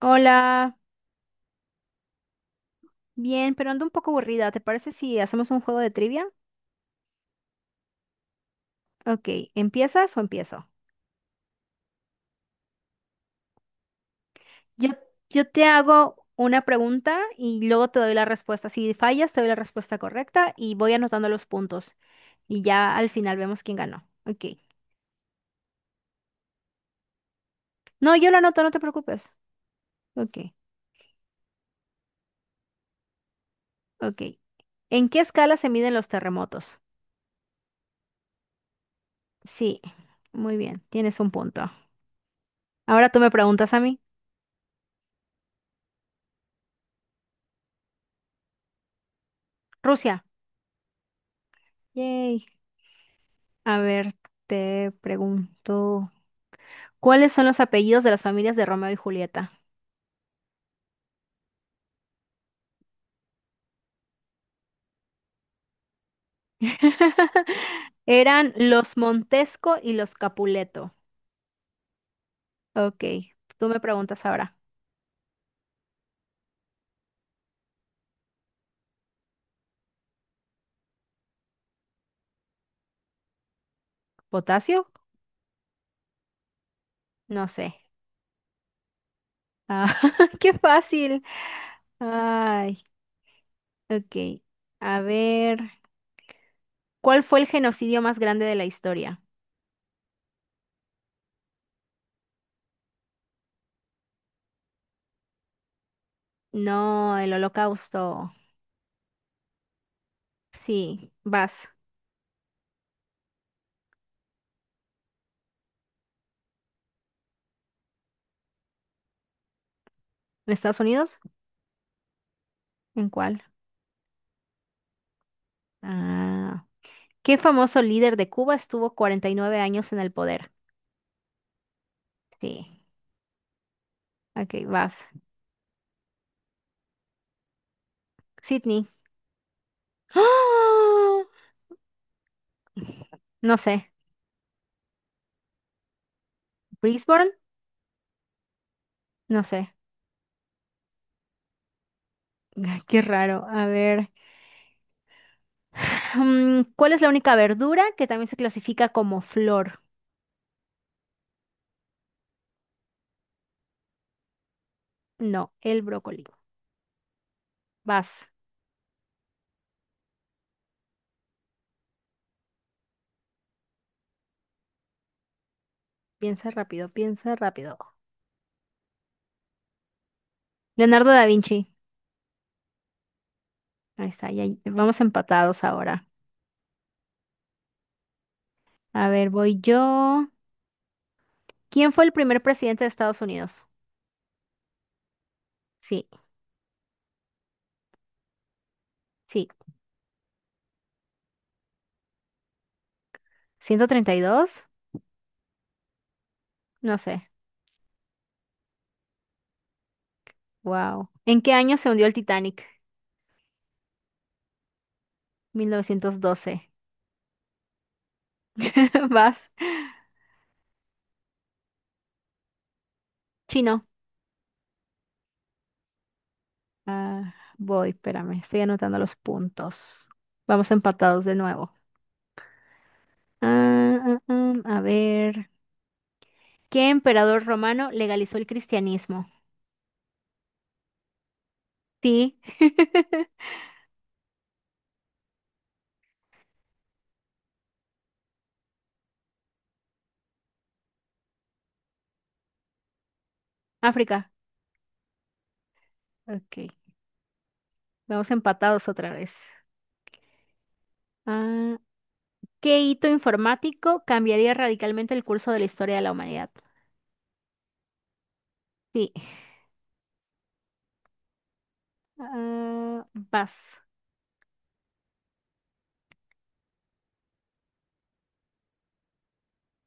Hola, bien, pero ando un poco aburrida. ¿Te parece si hacemos un juego de trivia? Ok, ¿empiezas o empiezo? Yo, yo te hago una pregunta y luego te doy la respuesta. Si fallas, te doy la respuesta correcta y voy anotando los puntos. Y ya al final vemos quién ganó. Ok. No, yo lo anoto, no te preocupes. Ok, ok. ¿En qué escala se miden los terremotos? Sí, muy bien, tienes un punto. Ahora tú me preguntas a mí. Rusia. Yay. A ver, te pregunto. ¿Cuáles son los apellidos de las familias de Romeo y Julieta? Eran los Montesco y los Capuleto. Ok, tú me preguntas ahora. ¿Potasio? No sé. Ah, qué fácil. Ay, ok. A ver, ¿cuál fue el genocidio más grande de la historia? No, el Holocausto. Sí, vas. ¿En Estados Unidos? ¿En cuál? Ah, ¿qué famoso líder de Cuba estuvo 49 años en el poder? Sí. Ok, vas. Sydney. ¡Ah! No sé. Brisbane. No sé. Ay, qué raro. A ver. Mm, ¿cuál es la única verdura que también se clasifica como flor? No, el brócoli. Vas. Piensa rápido, piensa rápido. Leonardo da Vinci. Ahí está, ya vamos empatados ahora. A ver, voy yo. ¿Quién fue el primer presidente de Estados Unidos? Sí, sí. 132. No sé. Wow. ¿En qué año se hundió el Titanic? 1912. Vas. Chino. Ah, voy, espérame. Estoy anotando los puntos. Vamos empatados de nuevo. Ah, ah, ah, a ver. ¿Qué emperador romano legalizó el cristianismo? Sí. África. Ok. Vamos empatados otra vez. Ah, ¿qué hito informático cambiaría radicalmente el curso de la historia de la humanidad? Sí. Ah, vas.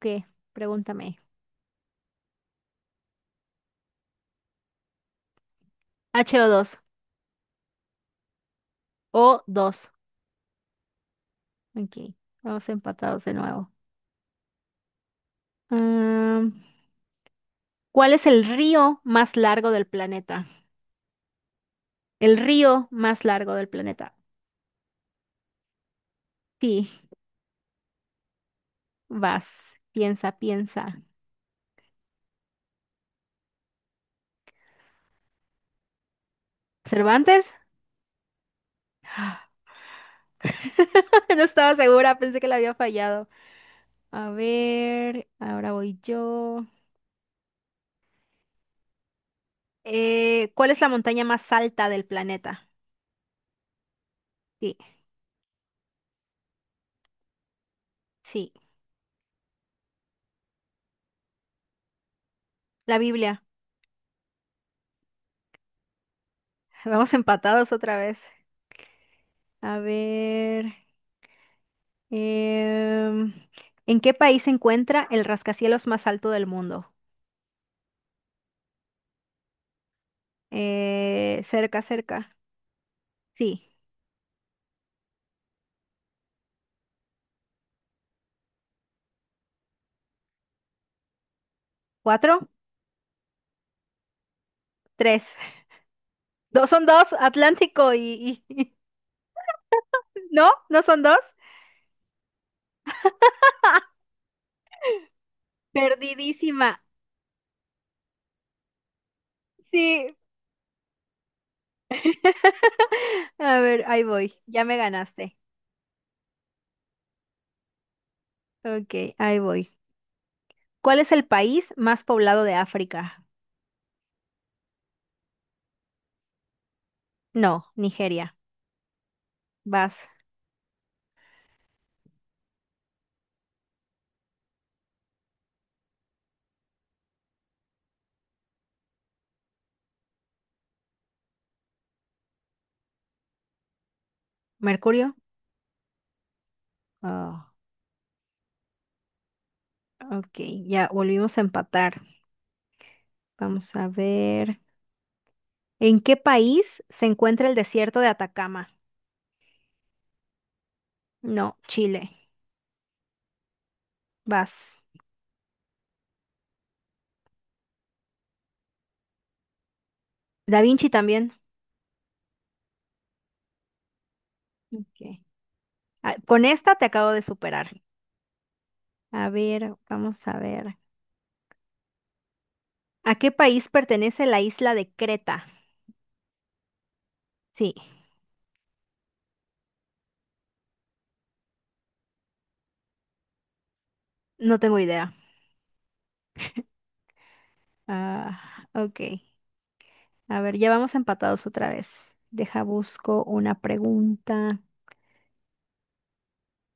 ¿Qué? Pregúntame. H2O O2. Ok. Vamos empatados de nuevo. Ah, ¿cuál es el río más largo del planeta? El río más largo del planeta. Sí, vas. Piensa, piensa. ¿Cervantes? No estaba segura, pensé que la había fallado. A ver, ahora voy yo. ¿Cuál es la montaña más alta del planeta? Sí, sí, la Biblia. Vamos empatados otra vez. A ver, em, ¿en qué país se encuentra el rascacielos más alto del mundo? Cerca, cerca. Sí. ¿Cuatro? Tres. Dos son dos, Atlántico y... ¿No? ¿No son dos? Perdidísima. Sí. A ver, ahí voy. Ya me ganaste. Ok, ahí voy. ¿Cuál es el país más poblado de África? No, Nigeria. Vas. ¿Mercurio? Oh, ok, ya volvimos a empatar. Vamos a ver. ¿En qué país se encuentra el desierto de Atacama? No, Chile. Vas. Da Vinci también. Ok. Ah, con esta te acabo de superar. A ver, vamos a ver. ¿A qué país pertenece la isla de Creta? Sí, no tengo idea. Ah, ok. A ver, ya vamos empatados otra vez. Deja, busco una pregunta.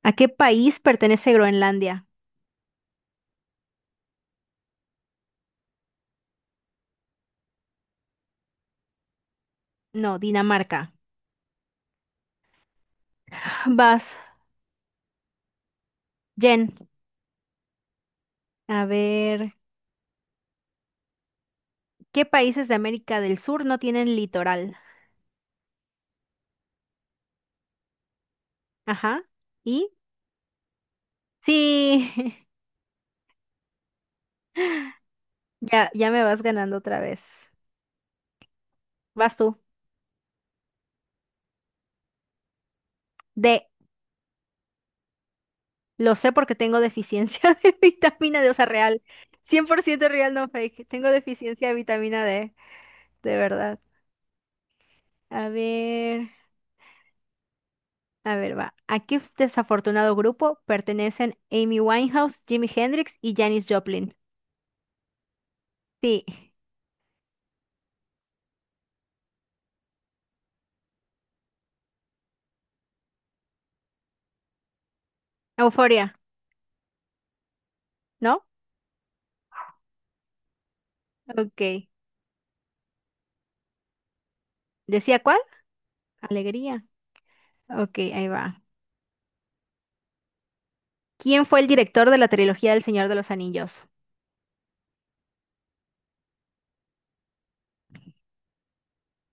¿A qué país pertenece Groenlandia? No, Dinamarca. Vas, Jen. A ver, ¿qué países de América del Sur no tienen litoral? Ajá. ¿Y? Sí, ya, ya me vas ganando otra vez. Vas tú. D. Lo sé porque tengo deficiencia de vitamina D, o sea, real. 100% real, no fake. Tengo deficiencia de vitamina D, de verdad. A ver, a ver, va. ¿A qué desafortunado grupo pertenecen Amy Winehouse, Jimi Hendrix y Janis Joplin? Sí. Euforia, ¿no? Ok. ¿Decía cuál? Alegría. Ok, ahí va. ¿Quién fue el director de la trilogía del Señor de los Anillos?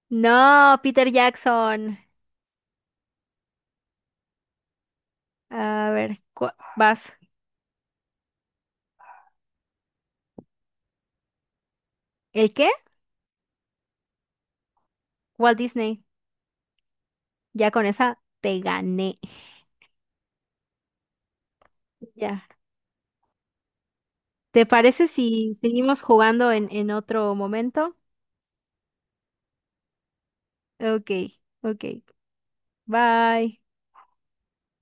No, Peter Jackson. A ver, cu- vas. ¿El qué? Walt Disney, ya con esa te gané. Ya. ¿Te parece si seguimos jugando en otro momento? Ok, ok. Bye.